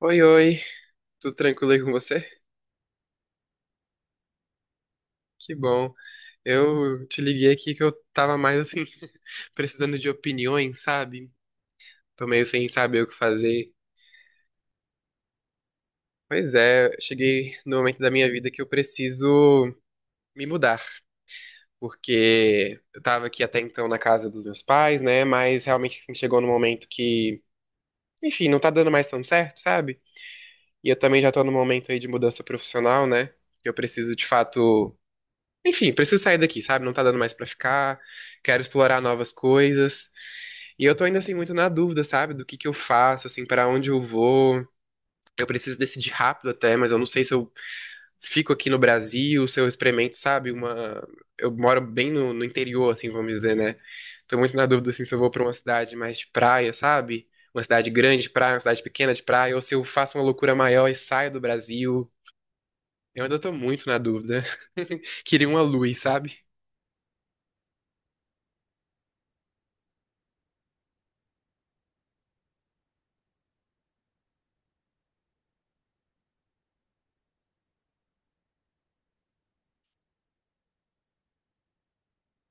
Oi, oi, tudo tranquilo aí com você? Que bom. Eu te liguei aqui que eu tava mais assim, precisando de opiniões, sabe? Tô meio sem saber o que fazer. Pois é, cheguei no momento da minha vida que eu preciso me mudar, porque eu tava aqui até então na casa dos meus pais, né? Mas realmente assim, chegou no momento que, enfim, não tá dando mais tão certo, sabe? E eu também já tô no momento aí de mudança profissional, né? Eu preciso de fato Enfim, preciso sair daqui, sabe? Não tá dando mais pra ficar. Quero explorar novas coisas. E eu tô ainda assim muito na dúvida, sabe? Do que eu faço, assim, pra onde eu vou. Eu preciso decidir rápido até, mas eu não sei se eu fico aqui no Brasil, se eu experimento, sabe? Uma. Eu moro bem no interior, assim, vamos dizer, né? Tô muito na dúvida, assim, se eu vou pra uma cidade mais de praia, sabe? Uma cidade grande de praia, uma cidade pequena de praia, ou se eu faço uma loucura maior e saio do Brasil. Eu ainda tô muito na dúvida. Queria uma luz, sabe?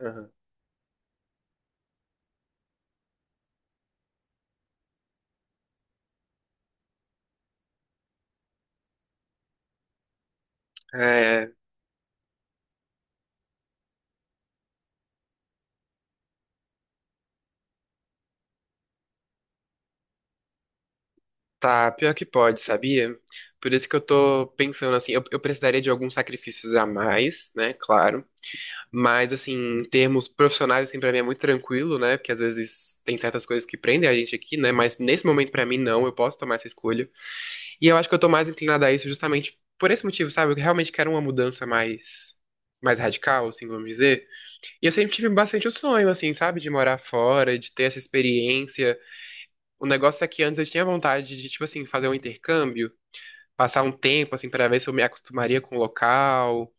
Aham. É, tá, pior que pode, sabia? Por isso que eu tô pensando assim, eu precisaria de alguns sacrifícios a mais, né? Claro. Mas assim, em termos profissionais, assim, pra mim é muito tranquilo, né? Porque às vezes tem certas coisas que prendem a gente aqui, né? Mas nesse momento, pra mim, não, eu posso tomar essa escolha. E eu acho que eu tô mais inclinada a isso justamente por esse motivo, sabe? Eu realmente quero uma mudança mais. Mais radical, assim, vamos dizer. E eu sempre tive bastante o sonho, assim, sabe? De morar fora, de ter essa experiência. O negócio é que antes eu tinha vontade de, tipo assim, fazer um intercâmbio, passar um tempo, assim, para ver se eu me acostumaria com o local,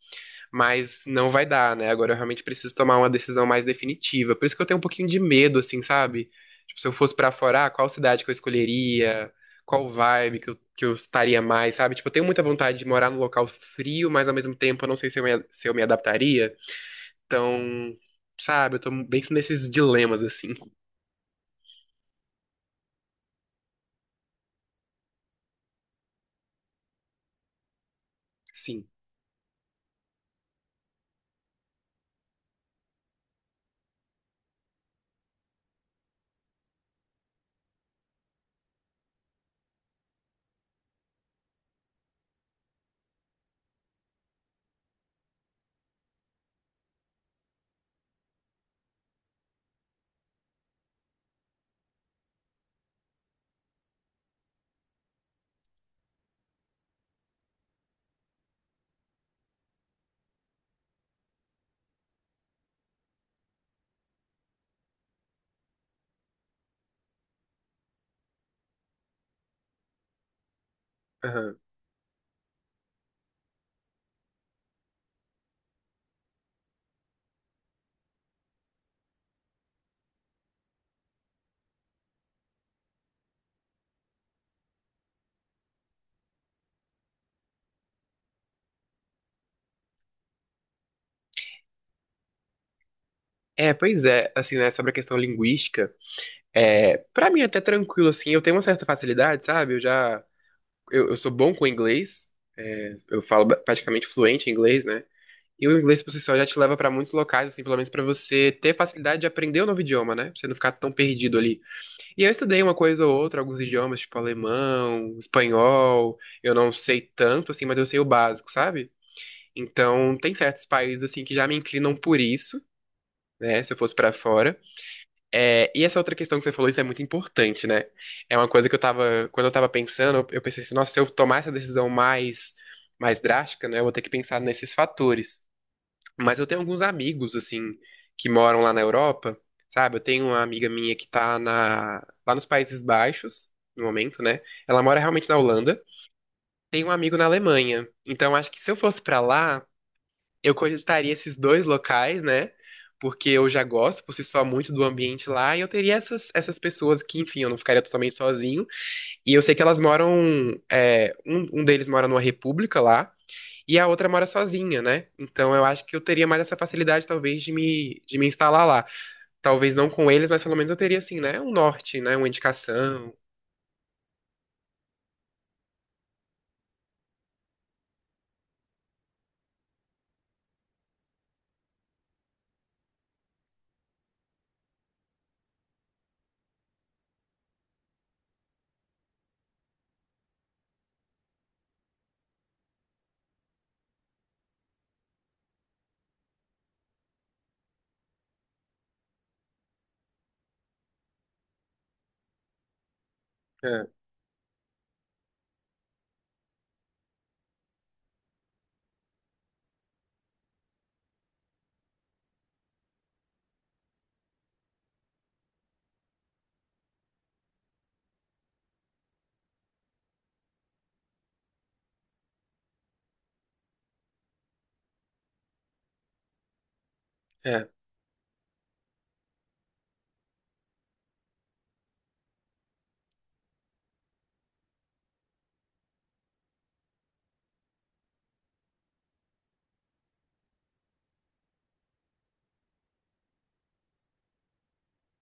mas não vai dar, né? Agora eu realmente preciso tomar uma decisão mais definitiva. Por isso que eu tenho um pouquinho de medo, assim, sabe? Tipo, se eu fosse pra fora, ah, qual cidade que eu escolheria? Qual vibe que eu estaria mais, sabe? Tipo, eu tenho muita vontade de morar num local frio, mas ao mesmo tempo eu não sei se eu me adaptaria. Então, sabe, eu tô bem nesses dilemas, assim. Sim. Aham. É, pois é, assim, né, sobre a questão linguística. É, pra mim é até tranquilo, assim, eu tenho uma certa facilidade, sabe? Eu já, eu sou bom com inglês, é, eu falo praticamente fluente em inglês, né? E o inglês por si só já te leva pra muitos locais, assim, pelo menos pra você ter facilidade de aprender o novo idioma, né? Pra você não ficar tão perdido ali. E eu estudei uma coisa ou outra, alguns idiomas, tipo alemão, espanhol, eu não sei tanto, assim, mas eu sei o básico, sabe? Então, tem certos países, assim, que já me inclinam por isso, né? Se eu fosse pra fora. É, e essa outra questão que você falou, isso é muito importante, né? É uma coisa que eu tava, quando eu tava pensando, eu pensei assim, nossa, se eu tomar essa decisão mais, mais drástica, né, eu vou ter que pensar nesses fatores. Mas eu tenho alguns amigos, assim, que moram lá na Europa, sabe? Eu tenho uma amiga minha que tá na, lá nos Países Baixos, no momento, né? Ela mora realmente na Holanda. Tem um amigo na Alemanha. Então, acho que se eu fosse pra lá, eu cogitaria esses dois locais, né? Porque eu já gosto por si só muito do ambiente lá, e eu teria essas, essas pessoas que, enfim, eu não ficaria totalmente sozinho. E eu sei que elas moram. É, um deles mora numa república lá, e a outra mora sozinha, né? Então eu acho que eu teria mais essa facilidade, talvez, de me instalar lá. Talvez não com eles, mas pelo menos eu teria, assim, né? Um norte, né? Uma indicação. É, é.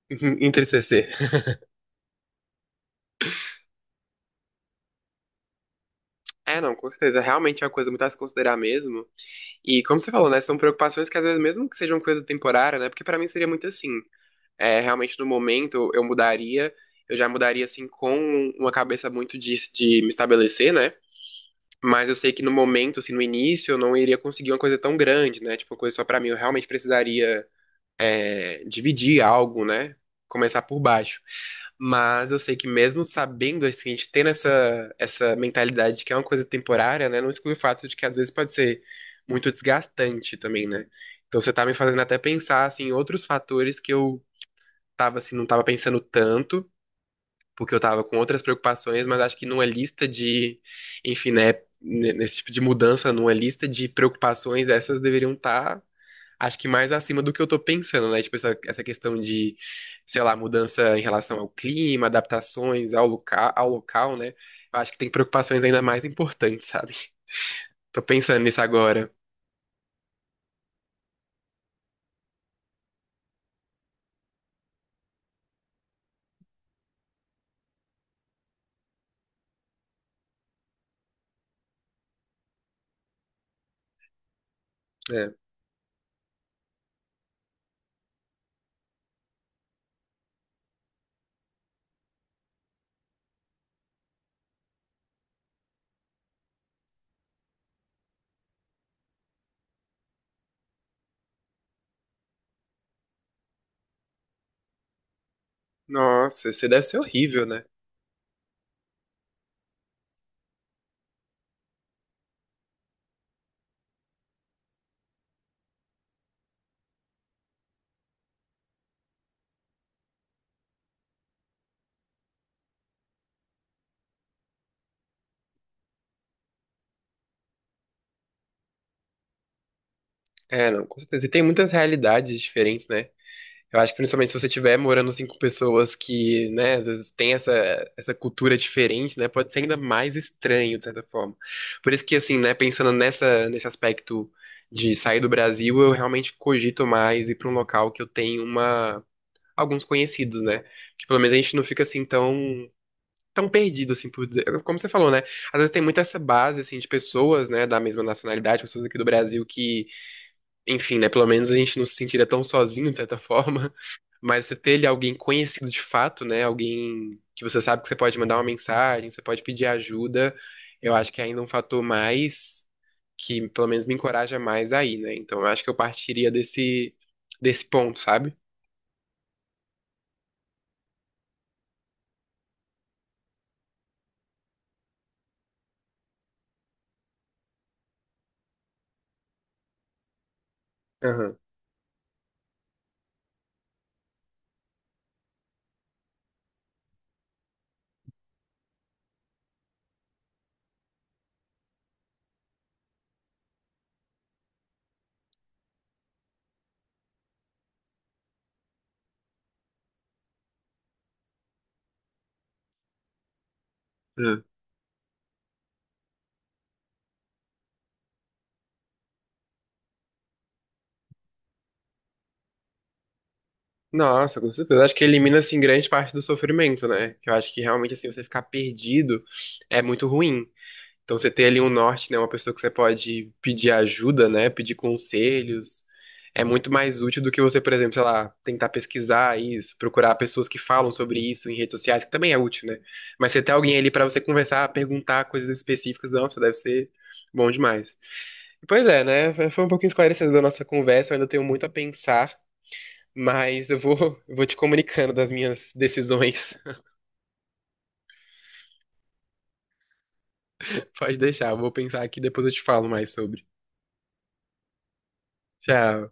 Entristecer. É, não, com certeza. Realmente é uma coisa muito a se considerar mesmo. E como você falou, né, são preocupações que às vezes, mesmo que sejam coisa temporária, né, porque pra mim seria muito assim, é, realmente no momento eu mudaria, eu já mudaria assim com uma cabeça muito de me estabelecer, né, mas eu sei que no momento, assim, no início, eu não iria conseguir uma coisa tão grande, né, tipo, uma coisa só pra mim, eu realmente precisaria é, dividir algo, né? Começar por baixo. Mas eu sei que mesmo sabendo, assim, a gente tendo essa, essa mentalidade de que é uma coisa temporária, né? Não exclui o fato de que às vezes pode ser muito desgastante também, né? Então você tá me fazendo até pensar, assim, em outros fatores que eu tava, assim, não tava pensando tanto, porque eu tava com outras preocupações, mas acho que numa lista de, enfim, né? Nesse tipo de mudança, numa lista de preocupações, essas deveriam estar acho que mais acima do que eu tô pensando, né? Tipo, essa questão de, sei lá, mudança em relação ao clima, adaptações ao local, né? Eu acho que tem preocupações ainda mais importantes, sabe? Tô pensando nisso agora. É. Nossa, isso deve ser horrível, né? É, não, com certeza. E tem muitas realidades diferentes, né? Eu acho que principalmente se você estiver morando assim, com pessoas que, né, às vezes tem essa, essa cultura diferente, né, pode ser ainda mais estranho, de certa forma. Por isso que, assim, né, pensando nessa, nesse aspecto de sair do Brasil, eu realmente cogito mais ir para um local que eu tenho uma, alguns conhecidos, né? Que pelo menos a gente não fica assim tão. Tão perdido, assim, por dizer. Como você falou, né? Às vezes tem muito essa base, assim, de pessoas, né, da mesma nacionalidade, pessoas aqui do Brasil que, enfim, né, pelo menos a gente não se sentiria tão sozinho, de certa forma. Mas você ter ali alguém conhecido de fato, né? Alguém que você sabe que você pode mandar uma mensagem, você pode pedir ajuda, eu acho que é ainda um fator mais que pelo menos me encoraja mais aí, né? Então eu acho que eu partiria desse, desse ponto, sabe? Aham. Aham. Nossa, com certeza. Eu acho que elimina, assim, grande parte do sofrimento, né? Que eu acho que realmente, assim, você ficar perdido é muito ruim. Então você tem ali um norte, né? Uma pessoa que você pode pedir ajuda, né? Pedir conselhos. É muito mais útil do que você, por exemplo, sei lá, tentar pesquisar isso, procurar pessoas que falam sobre isso em redes sociais, que também é útil, né? Mas você ter alguém ali pra você conversar, perguntar coisas específicas, nossa, deve ser bom demais. Pois é, né? Foi um pouquinho esclarecedor a nossa conversa, eu ainda tenho muito a pensar, mas eu vou te comunicando das minhas decisões. Pode deixar, eu vou pensar aqui, depois eu te falo mais sobre. Tchau.